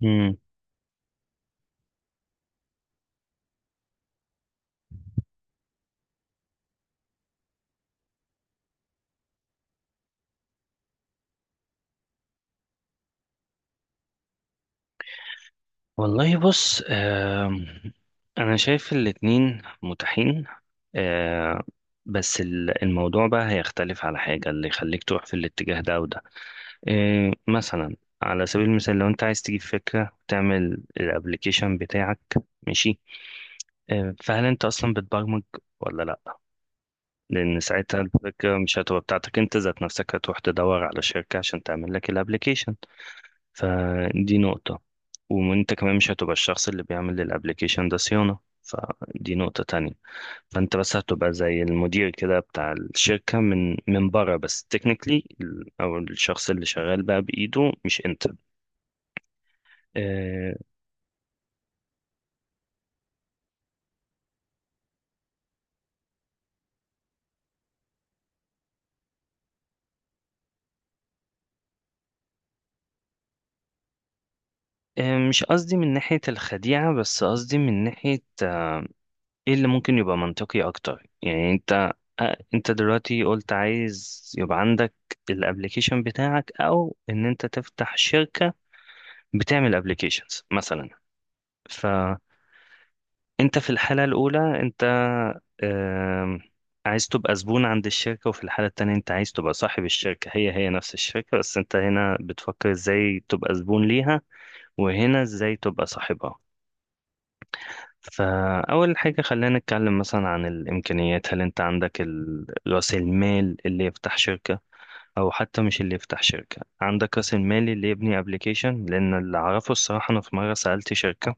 مم. والله، بص، انا شايف الاتنين متاحين، آه، بس الموضوع بقى هيختلف على حاجة اللي يخليك تروح في الاتجاه ده وده. مثلا، على سبيل المثال، لو انت عايز تجيب فكرة وتعمل الابليكيشن بتاعك، ماشي. فهل انت اصلا بتبرمج ولا لا؟ لان ساعتها الفكرة مش هتبقى بتاعتك انت ذات نفسك، هتروح تدور على شركة عشان تعمل لك الابليكيشن، فدي نقطة. وانت كمان مش هتبقى الشخص اللي بيعمل للابليكيشن ده صيانة، فدي نقطة تانية. فانت بس هتبقى زي المدير كده بتاع الشركة، من بره، بس تكنيكلي، او الشخص اللي شغال بقى بايده مش انت. آه، مش قصدي من ناحية الخديعة، بس قصدي من ناحية، ايه اللي ممكن يبقى منطقي اكتر؟ يعني انت، انت دلوقتي قلت عايز يبقى عندك الابليكيشن بتاعك، او ان انت تفتح شركة بتعمل ابلكيشنز مثلا. فانت في الحاله الاولى انت آم، عايز تبقى زبون عند الشركه، وفي الحاله التانيه انت عايز تبقى صاحب الشركه. هي هي نفس الشركه، بس انت هنا بتفكر ازاي تبقى زبون ليها، وهنا ازاي تبقى صاحبها. فاول حاجه، خلينا نتكلم مثلا عن الامكانيات. هل انت عندك راس المال اللي يفتح شركه؟ او حتى مش اللي يفتح شركه، عندك راس المال اللي يبني ابلكيشن؟ لان اللي اعرفه الصراحه، انا في مره سالت شركه،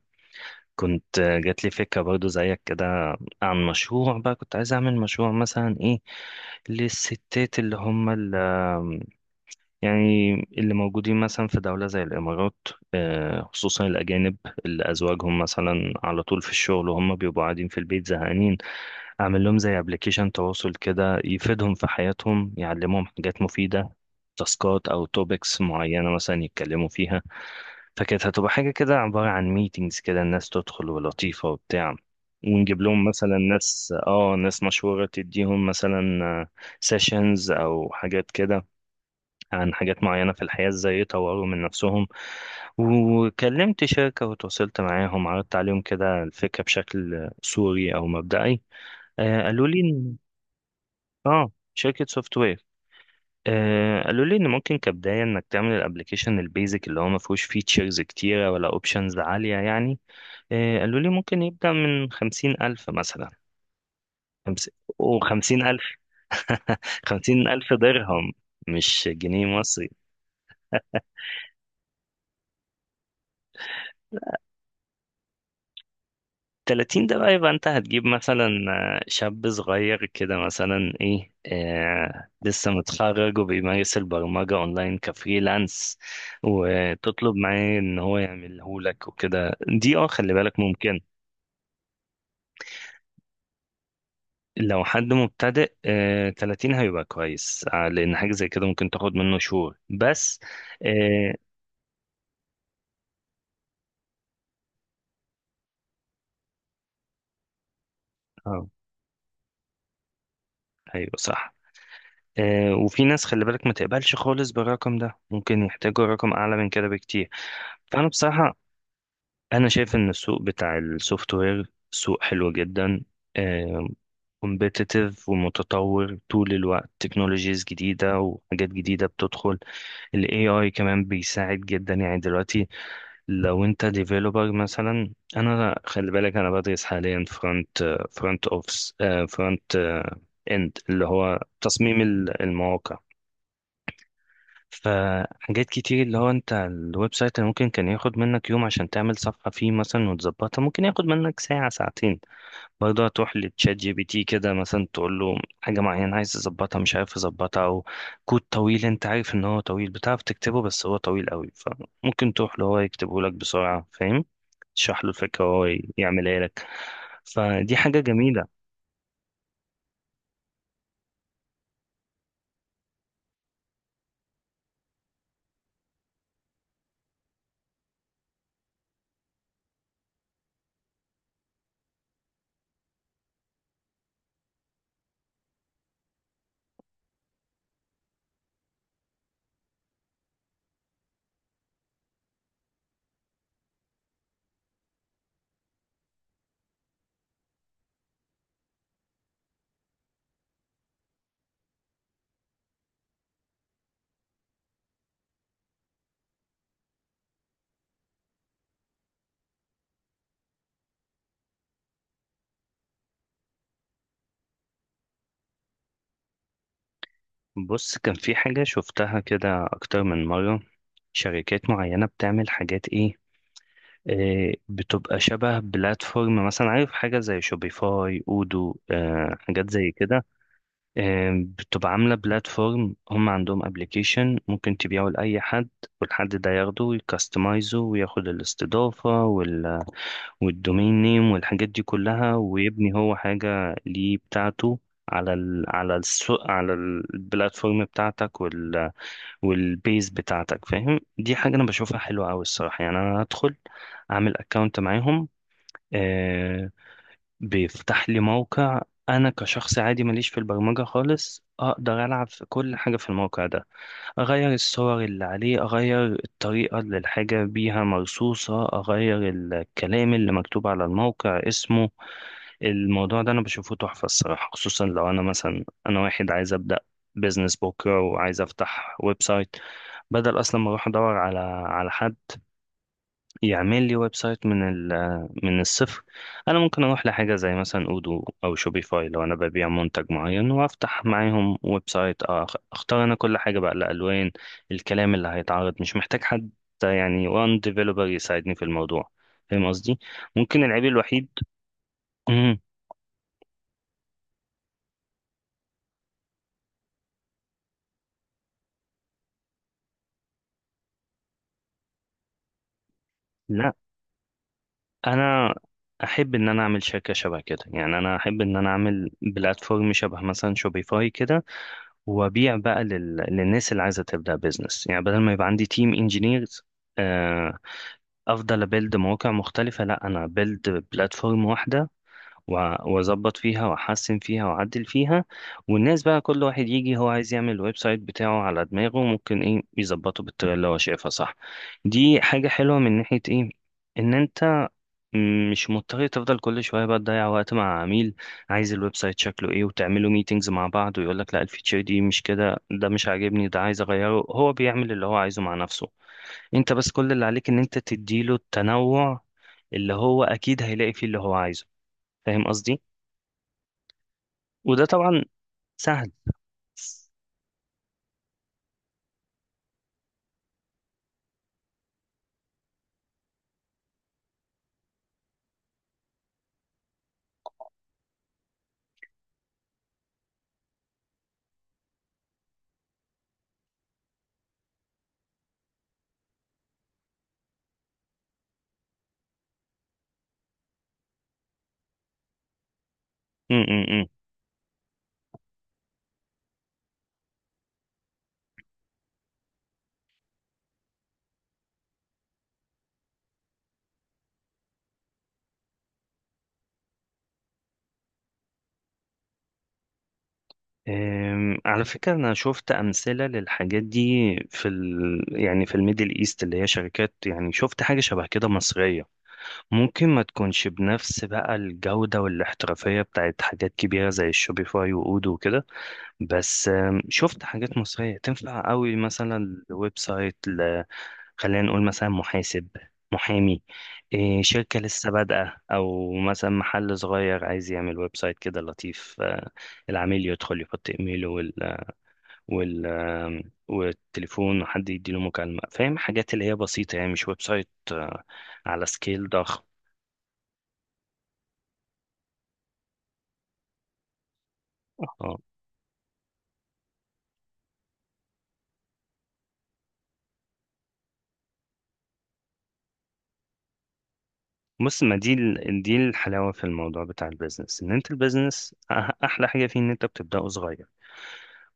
كنت جات لي فكرة برضو زيك كده، عن مشروع بقى، كنت عايز أعمل مشروع مثلا إيه، للستات اللي هم اللي، يعني اللي موجودين مثلا في دولة زي الإمارات، خصوصا الأجانب، اللي أزواجهم مثلا على طول في الشغل وهم بيبقوا قاعدين في البيت زهقانين. أعمل لهم زي أبليكيشن تواصل كده، يفيدهم في حياتهم، يعلمهم حاجات مفيدة، تاسكات أو توبكس معينة مثلا يتكلموا فيها. فكانت هتبقى حاجة كده عبارة عن ميتينجز كده، الناس تدخل ولطيفة وبتاع، ونجيب لهم مثلا ناس مشهورة تديهم مثلا سيشنز أو حاجات كده، عن حاجات معينة في الحياة ازاي يطوروا من نفسهم. وكلمت شركة وتواصلت معاهم، عرضت عليهم كده الفكرة بشكل صوري أو مبدئي. قالوا لي شركة سوفت وير. قالوا لي ان ممكن كبدايه انك تعمل الابلكيشن البيزك، اللي هو ما فيهوش فيتشرز كتيره ولا اوبشنز عاليه يعني. قالوا لي ممكن يبدأ من خمسين ألف مثلا. خمس... وخمسين ألف خمسين ألف درهم، مش جنيه مصري. تلاتين ده بقى، يبقى أنت هتجيب مثلا، شاب صغير كده مثلا إيه، آه لسه متخرج وبيمارس البرمجة أونلاين كفريلانس، وتطلب معاه إن هو يعمله لك وكده، دي خلي بالك ممكن. لو حد مبتدئ، 30 هيبقى كويس. لأن حاجة زي كده ممكن تاخد منه شهور بس. آه، اه ايوه صح. وفي ناس خلي بالك ما تقبلش خالص بالرقم ده، ممكن يحتاجوا رقم اعلى من كده بكتير. فانا بصراحه، انا شايف ان السوق بتاع السوفت وير سوق حلو جدا، كومبيتيتيف ومتطور طول الوقت، تكنولوجيز جديده وحاجات جديده بتدخل. الاي اي كمان بيساعد جدا يعني دلوقتي، لو انت ديفيلوبر مثلا. انا خلي بالك، انا بدرس حاليا فرونت اوفس، فرونت اند، اللي هو تصميم المواقع. فحاجات كتير، اللي هو انت الويب سايت اللي ممكن كان ياخد منك يوم عشان تعمل صفحة فيه مثلا وتظبطها، ممكن ياخد منك ساعة ساعتين. برضه هتروح لتشات جي بي تي كده مثلا، تقول له حاجة معينة عايز تظبطها مش عارف تظبطها، أو كود طويل أنت عارف إن هو طويل، بتعرف تكتبه بس هو طويل قوي، فممكن تروح له هو يكتبه لك بسرعة، فاهم؟ تشرح له الفكرة وهو يعملها لك. فدي حاجة جميلة. بص، كان في حاجة شفتها كده أكتر من مرة، شركات معينة بتعمل حاجات إيه، بتبقى شبه بلاتفورم، مثلا عارف حاجة زي شوبيفاي، أودو، حاجات زي كده. بتبقى عاملة بلاتفورم، هم عندهم ابلكيشن ممكن تبيعه لأي حد، والحد ده ياخده ويكستمايزه وياخد الاستضافة والدومين نيم والحاجات دي كلها، ويبني هو حاجة ليه بتاعته على السوق، على البلاتفورم بتاعتك والبيز بتاعتك، فاهم؟ دي حاجة أنا بشوفها حلوة أوي الصراحة. يعني أنا هدخل أعمل أكاونت معاهم، آه، بيفتح لي موقع، انا كشخص عادي ماليش في البرمجة خالص، اقدر العب في كل حاجة في الموقع ده، اغير الصور اللي عليه، اغير الطريقة اللي الحاجة بيها مرصوصة، اغير الكلام اللي مكتوب على الموقع، اسمه. الموضوع ده انا بشوفه تحفة الصراحة، خصوصا لو انا مثلا انا واحد عايز ابدأ بيزنس بكرة وعايز افتح ويب سايت، بدل اصلا ما اروح ادور على على حد يعمل لي ويب سايت من الصفر. انا ممكن اروح لحاجه زي مثلا اودو او شوبيفاي، لو انا ببيع منتج معين، وافتح معاهم ويب سايت، اختار انا كل حاجه بقى، الالوان، الكلام اللي هيتعرض، مش محتاج حد يعني وان ديفلوبر يساعدني في الموضوع، فاهم قصدي؟ ممكن العيب الوحيد، مم، لا، انا احب ان انا اعمل شركه شبه كده، يعني انا احب ان انا اعمل بلاتفورم شبه مثلا شوبيفاي كده، وابيع بقى للناس اللي عايزه تبدا بيزنس. يعني بدل ما يبقى عندي تيم انجينيرز افضل ابيلد مواقع مختلفه، لا، انا بيلد بلاتفورم واحده واظبط فيها واحسن فيها واعدل فيها. والناس بقى كل واحد يجي هو عايز يعمل الويب سايت بتاعه على دماغه، ممكن ايه يظبطه بالطريقه اللي هو شايفها صح. دي حاجه حلوه من ناحيه ايه، ان انت مش مضطر تفضل كل شوية بقى تضيع وقت مع عميل عايز الويب سايت شكله ايه، وتعملوا ميتينجز مع بعض، ويقول لك لا الفيتشر دي مش كده، ده مش عاجبني، ده عايز اغيره. هو بيعمل اللي هو عايزه مع نفسه، انت بس كل اللي عليك ان انت تديله التنوع اللي هو اكيد هيلاقي فيه اللي هو عايزه، فاهم قصدي؟ وده طبعا سهل. م -م -م. على فكرة، أنا شفت أمثلة للحاجات دي في يعني في الميدل إيست، اللي هي شركات، يعني شفت حاجة شبه كده مصرية، ممكن ما تكونش بنفس بقى الجودة والاحترافية بتاعت حاجات كبيرة زي الشوبيفاي وأودو وكده. بس شفت حاجات مصرية تنفع قوي، مثلا ويب سايت خلينا نقول مثلا محاسب، محامي، إيه، شركة لسه بادئة، أو مثلا محل صغير عايز يعمل ويب سايت كده لطيف. العميل يدخل يحط إيميله وال آم، والتليفون، وحد يديله مكالمة، فاهم؟ حاجات اللي هي بسيطة يعني، مش ويب سايت، على سكيل ضخم. بص، ما دي دي الحلاوة في الموضوع بتاع البيزنس، ان انت البيزنس احلى حاجة فيه ان انت بتبدأه صغير،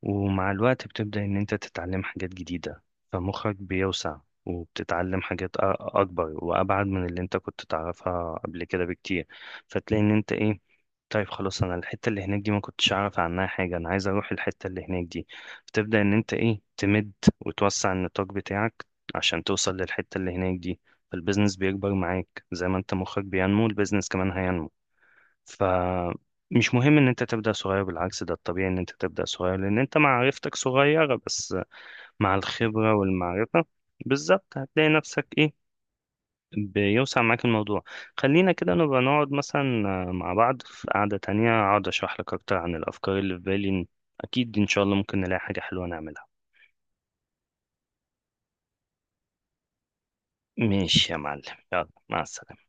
ومع الوقت بتبدأ إن أنت تتعلم حاجات جديدة، فمخك بيوسع، وبتتعلم حاجات أكبر وأبعد من اللي أنت كنت تعرفها قبل كده بكتير. فتلاقي إن أنت إيه، طيب خلاص، أنا الحتة اللي هناك دي ما كنتش أعرف عنها حاجة، أنا عايز أروح الحتة اللي هناك دي، فتبدأ إن أنت إيه، تمد وتوسع النطاق بتاعك عشان توصل للحتة اللي هناك دي. فالبيزنس بيكبر معاك زي ما أنت مخك بينمو، البيزنس كمان هينمو. فمش مهم ان انت تبدأ صغير، بالعكس ده الطبيعي ان انت تبدأ صغير، لان انت معرفتك صغيرة، بس مع الخبرة والمعرفة، بالظبط هتلاقي نفسك ايه، بيوسع معاك الموضوع. خلينا كده نبقى نقعد مثلا مع بعض في قعدة تانية، اقعد اشرح لك اكتر عن الافكار اللي في بالي، اكيد ان شاء الله ممكن نلاقي حاجة حلوة نعملها. ماشي يا معلم، يلا مع السلامة.